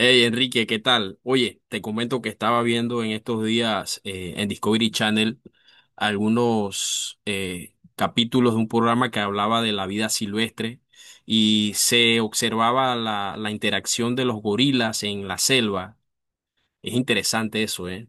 Hey Enrique, ¿qué tal? Oye, te comento que estaba viendo en estos días en Discovery Channel algunos capítulos de un programa que hablaba de la vida silvestre y se observaba la interacción de los gorilas en la selva. Es interesante eso, ¿eh?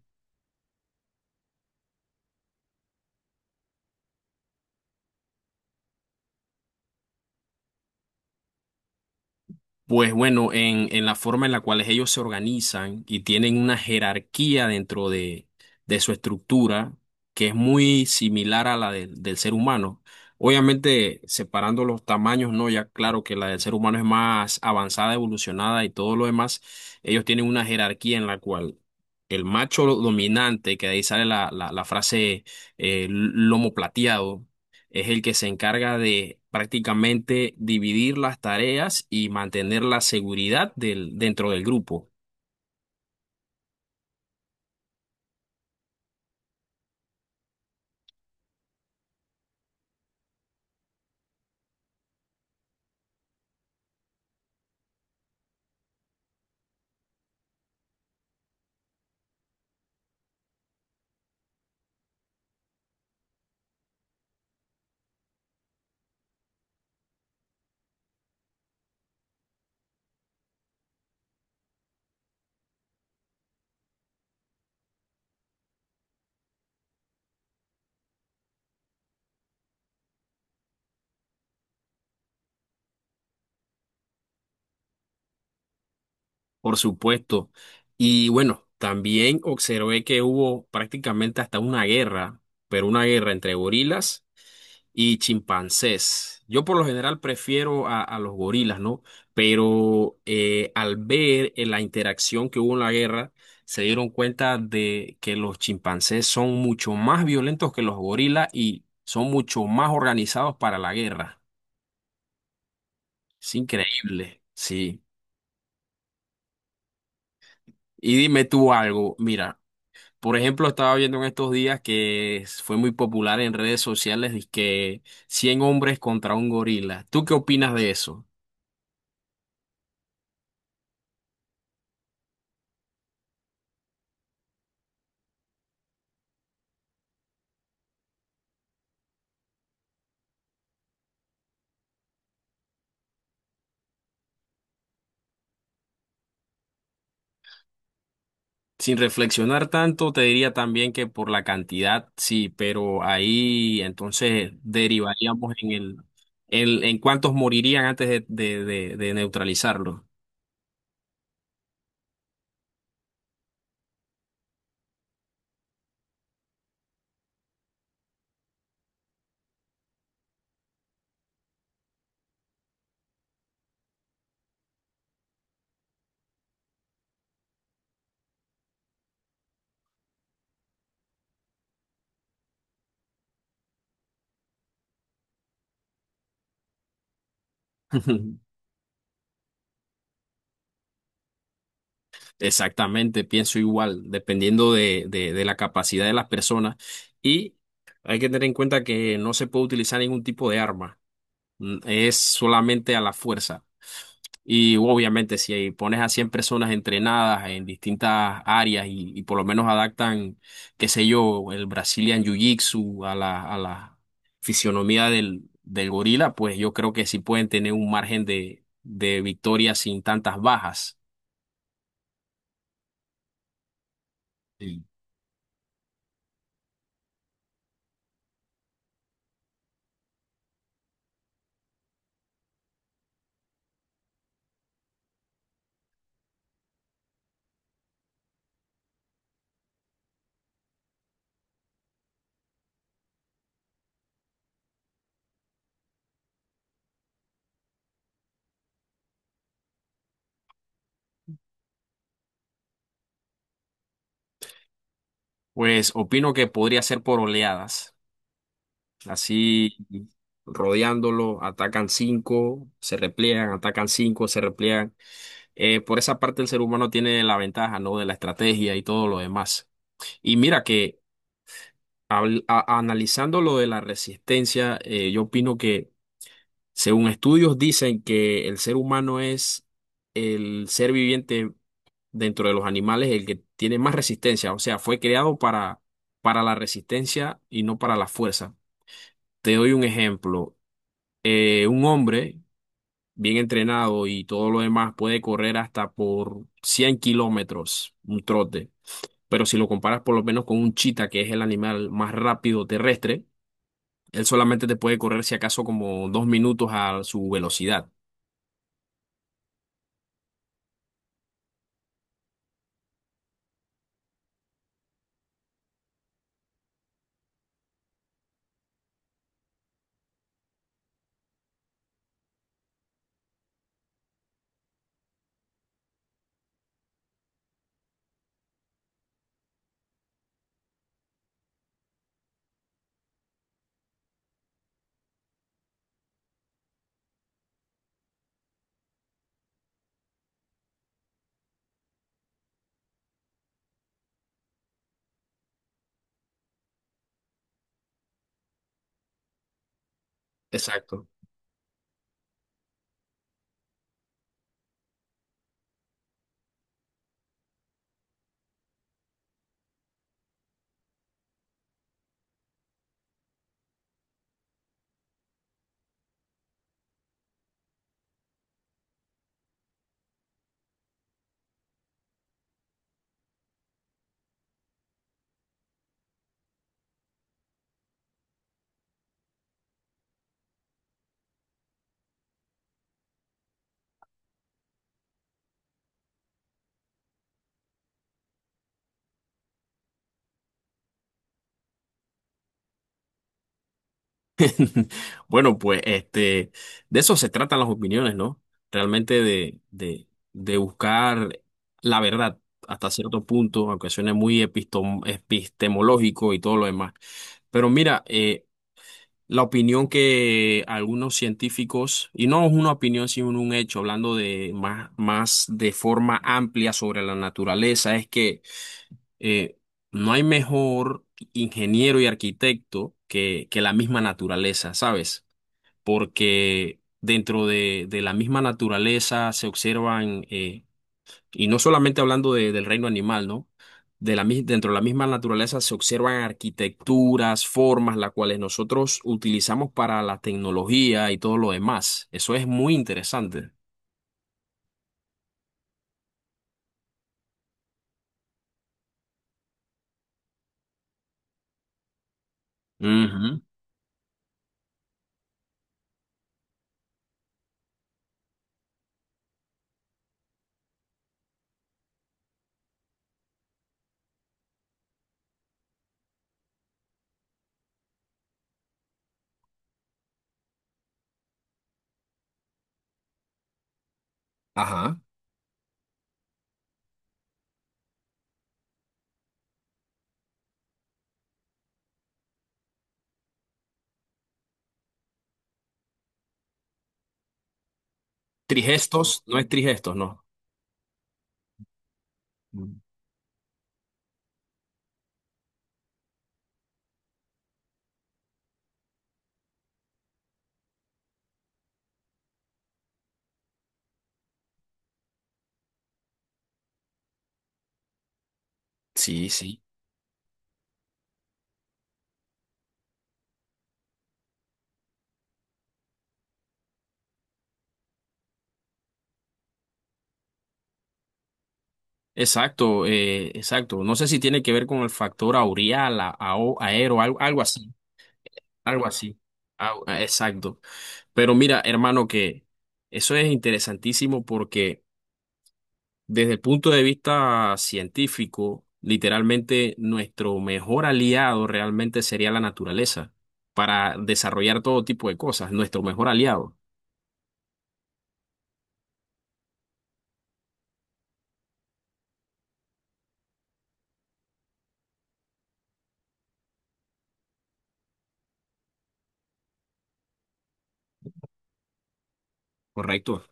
Pues bueno, en la forma en la cual ellos se organizan y tienen una jerarquía dentro de su estructura, que es muy similar a la del ser humano. Obviamente, separando los tamaños, no, ya claro que la del ser humano es más avanzada, evolucionada y todo lo demás, ellos tienen una jerarquía en la cual el macho dominante, que de ahí sale la frase lomo plateado, es el que se encarga de prácticamente dividir las tareas y mantener la seguridad dentro del grupo, por supuesto. Y bueno, también observé que hubo prácticamente hasta una guerra, pero una guerra entre gorilas y chimpancés. Yo por lo general prefiero a los gorilas, ¿no? Pero al ver en la interacción que hubo en la guerra, se dieron cuenta de que los chimpancés son mucho más violentos que los gorilas y son mucho más organizados para la guerra. Es increíble, sí. Y dime tú algo, mira, por ejemplo, estaba viendo en estos días que fue muy popular en redes sociales que 100 hombres contra un gorila. ¿Tú qué opinas de eso? Sin reflexionar tanto, te diría también que por la cantidad, sí, pero ahí entonces derivaríamos en el, en cuántos morirían antes de neutralizarlo. Exactamente, pienso igual, dependiendo de la capacidad de las personas. Y hay que tener en cuenta que no se puede utilizar ningún tipo de arma, es solamente a la fuerza. Y obviamente si pones a 100 personas entrenadas en distintas áreas y por lo menos adaptan, qué sé yo, el Brazilian Jiu-Jitsu a la fisionomía del gorila, pues yo creo que sí pueden tener un margen de victoria sin tantas bajas. Sí. Pues opino que podría ser por oleadas, así rodeándolo, atacan cinco, se repliegan, atacan cinco, se repliegan. Por esa parte el ser humano tiene la ventaja, ¿no? De la estrategia y todo lo demás. Y mira que analizando lo de la resistencia, yo opino que según estudios dicen que el ser humano es el ser viviente dentro de los animales el que tiene más resistencia. O sea, fue creado para, la resistencia y no para la fuerza. Te doy un ejemplo. Un hombre bien entrenado y todo lo demás puede correr hasta por 100 kilómetros, un trote. Pero si lo comparas por lo menos con un chita, que es el animal más rápido terrestre, él solamente te puede correr si acaso como 2 minutos a su velocidad. Exacto. Bueno, pues este, de eso se tratan las opiniones, ¿no? Realmente de buscar la verdad hasta cierto punto, aunque suene muy epistemológico y todo lo demás. Pero mira, la opinión que algunos científicos, y no es una opinión sino un hecho, hablando de más, más de forma amplia sobre la naturaleza, es que eh, no hay mejor ingeniero y arquitecto que la misma naturaleza, ¿sabes? Porque dentro de la misma naturaleza se observan y no solamente hablando del reino animal, ¿no? Dentro de la misma naturaleza se observan arquitecturas, formas, las cuales nosotros utilizamos para la tecnología y todo lo demás. Eso es muy interesante. Ujú. Ajá. Trigestos, no es trigestos, no. Mm. Sí, sí. Exacto, exacto. No sé si tiene que ver con el factor aureal, algo, algo así, algo así. Exacto. Pero mira, hermano, que eso es interesantísimo porque desde el punto de vista científico, literalmente nuestro mejor aliado realmente sería la naturaleza para desarrollar todo tipo de cosas, nuestro mejor aliado, ¿correcto?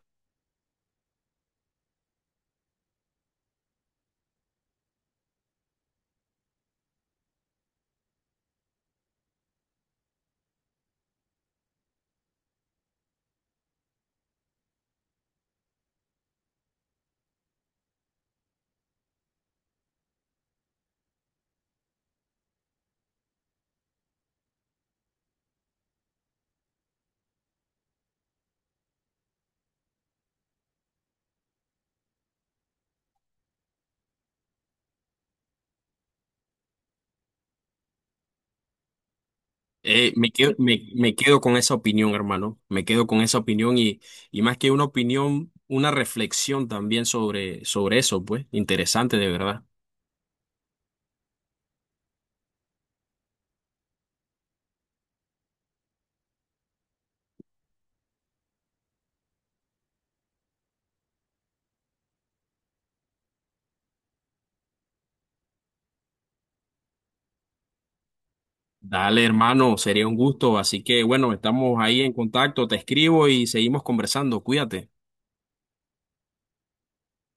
Me quedo con esa opinión, hermano, me quedo con esa opinión y más que una opinión, una reflexión también sobre eso, pues, interesante de verdad. Dale, hermano, sería un gusto, así que bueno, estamos ahí en contacto, te escribo y seguimos conversando, cuídate.